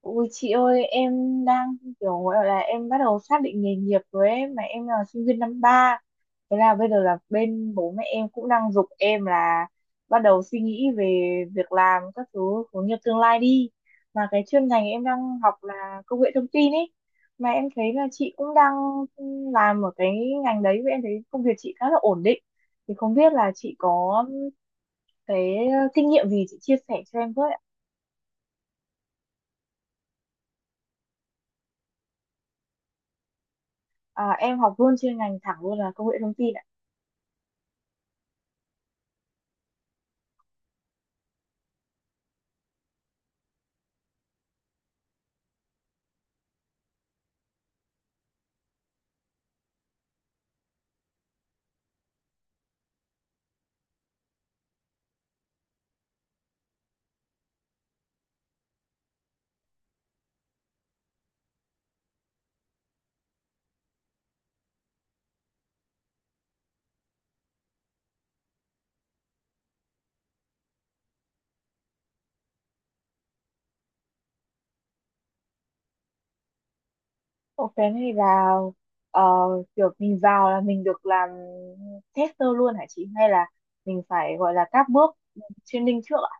Ui chị ơi, em đang kiểu gọi là em bắt đầu xác định nghề nghiệp rồi ấy, mà em là sinh viên năm ba. Thế là bây giờ là bên bố mẹ em cũng đang giục em là bắt đầu suy nghĩ về việc làm các thứ, hướng nghiệp tương lai đi, mà cái chuyên ngành em đang học là công nghệ thông tin ấy, mà em thấy là chị cũng đang làm ở cái ngành đấy và em thấy công việc chị khá là ổn định. Thì không biết là chị có cái kinh nghiệm gì chị chia sẻ cho em với ạ? À, em học luôn chuyên ngành thẳng luôn là công nghệ thông tin ạ. Ủa, cái này là ờ, kiểu mình vào là mình được làm tester luôn hả chị? Hay là mình phải gọi là các bước training trước ạ?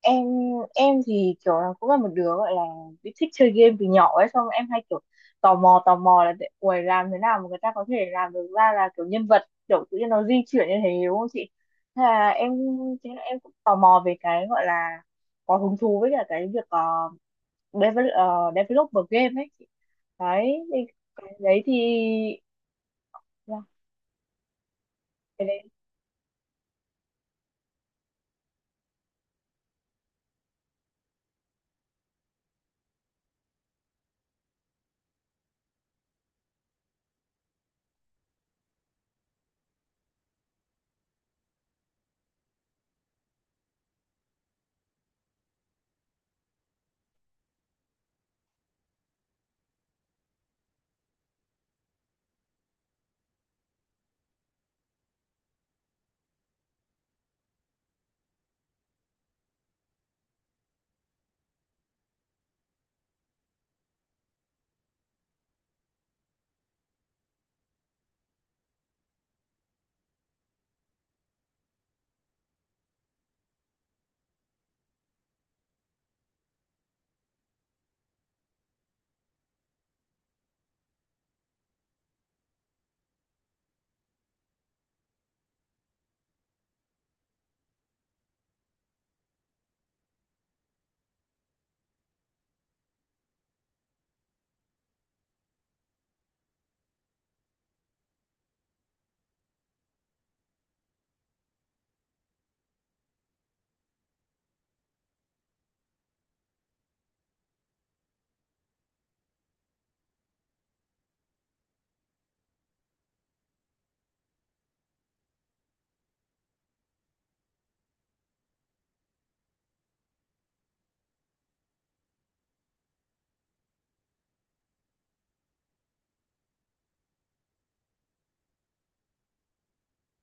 Em em thì kiểu là cũng là một đứa gọi là bị thích chơi game từ nhỏ ấy, xong em hay kiểu tò mò là để- uầy làm thế nào mà người ta có thể làm được ra là kiểu nhân vật kiểu tự nhiên nó di chuyển như thế đúng không chị? Thế là em thế là em cũng tò mò về cái gọi là có hứng thú với cả cái việc develop, developer game ấy. Đấy thì cái đấy thì là cái đấy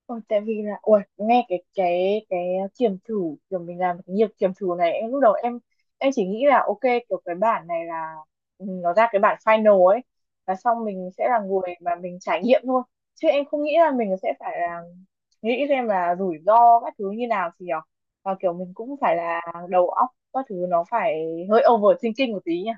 Ôi, tại vì là ui nghe cái kiểm thử, kiểu mình làm cái nghiệp kiểm thử này, em lúc đầu em chỉ nghĩ là ok, kiểu cái bản này là, ừ, nó ra cái bản final ấy, và xong mình sẽ là người mà mình trải nghiệm thôi, chứ em không nghĩ là mình sẽ phải là nghĩ xem là rủi ro các thứ như nào thì nhở, và kiểu mình cũng phải là đầu óc các thứ nó phải hơi overthinking một tí nhỉ.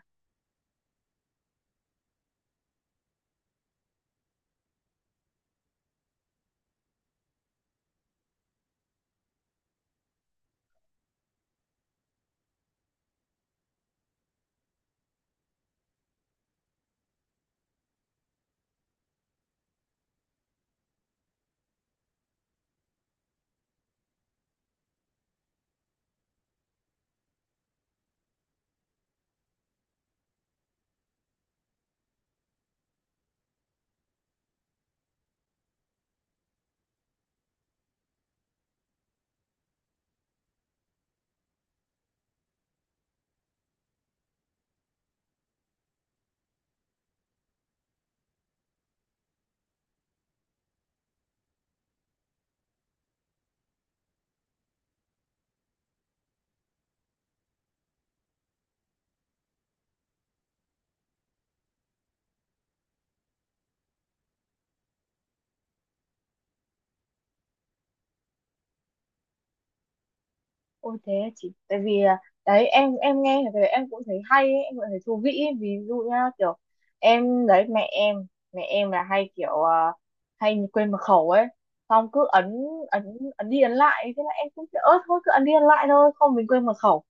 Ôi thế à chị, tại vì đấy, em nghe về em cũng thấy hay ấy, em cũng thấy thú vị ấy. Ví dụ nhá, kiểu em đấy, mẹ em là hay kiểu hay quên mật khẩu ấy, xong cứ ấn ấn ấn đi ấn lại, thế là em cũng kiểu ớt thôi cứ ấn đi ấn lại thôi không mình quên mật khẩu,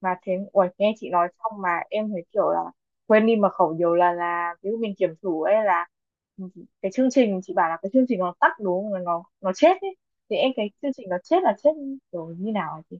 mà thế ui nghe chị nói xong mà em thấy kiểu là quên đi mật khẩu nhiều lần, là ví dụ mình kiểm thử ấy, là, ừ, cái chương trình chị bảo là cái chương trình nó tắt đúng không, nó nó chết ấy, thì em cái chương trình nó chết là chết kiểu như nào hả chị?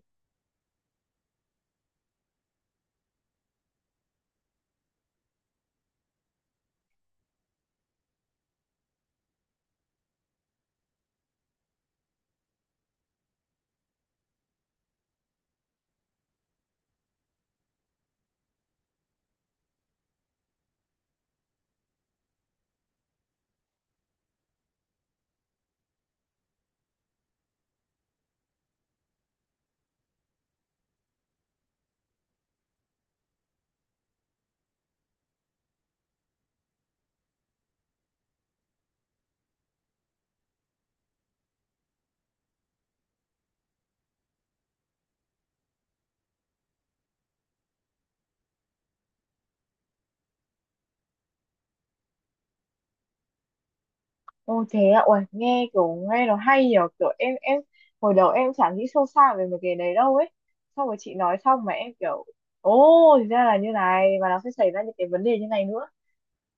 Ô thế ạ, uầy, nghe kiểu nghe nó hay nhở, kiểu em hồi đầu em chẳng nghĩ sâu xa về mấy cái đấy đâu ấy. Xong rồi chị nói xong mà em kiểu, ô thì ra là như này và nó sẽ xảy ra những cái vấn đề như này nữa.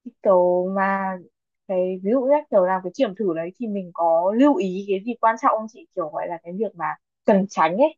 Cái kiểu mà cái ví dụ như kiểu làm cái kiểm thử đấy thì mình có lưu ý cái gì quan trọng không chị? Kiểu gọi là cái việc mà cần tránh ấy.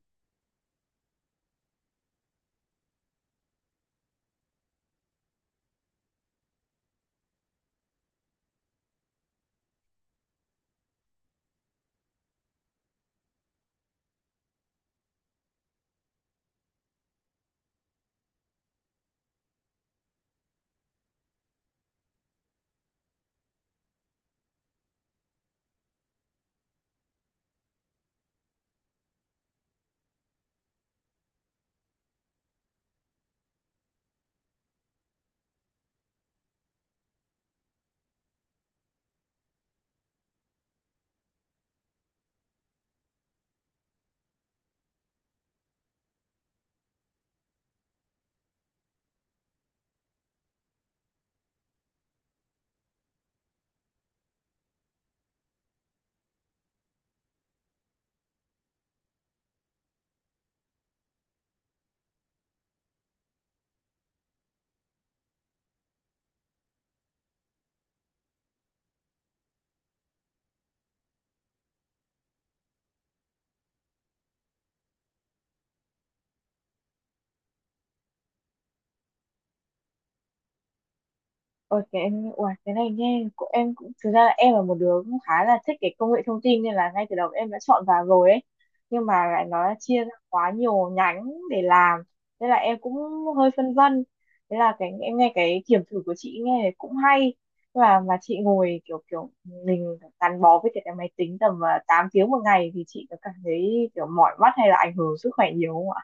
Ôi cái em uầy, cái này nghe, của em cũng thực ra là em là một đứa cũng khá là thích cái công nghệ thông tin nên là ngay từ đầu em đã chọn vào rồi ấy, nhưng mà lại nó chia ra quá nhiều nhánh để làm, nên là em cũng hơi phân vân. Thế là cái em nghe cái kiểm thử của chị nghe cũng hay, và mà chị ngồi kiểu kiểu mình gắn bó với cái máy tính tầm 8 tiếng một ngày, thì chị có cảm thấy kiểu mỏi mắt hay là ảnh hưởng sức khỏe nhiều không ạ?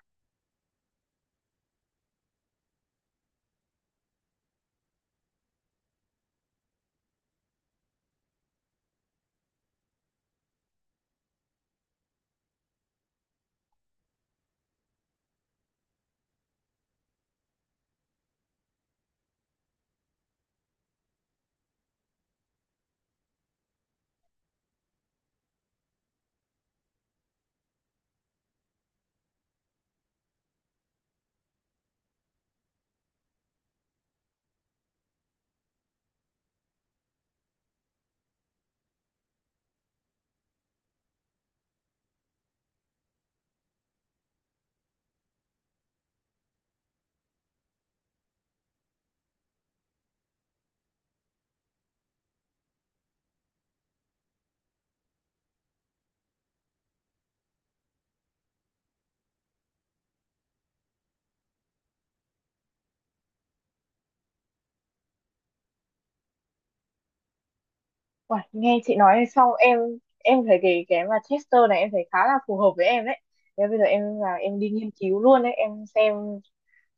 Uầy, nghe chị nói xong em thấy cái mà Chester này em thấy khá là phù hợp với em đấy. Thế bây giờ em là em đi nghiên cứu luôn đấy, em xem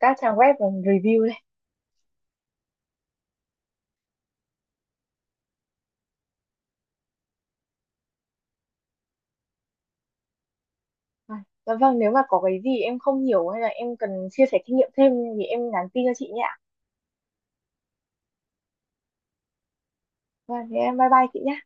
các trang web và review đây. À, dạ vâng, nếu mà có cái gì em không hiểu hay là em cần chia sẻ kinh nghiệm thêm thì em nhắn tin cho chị nhé ạ. Vâng, thế em bye bye chị nhé.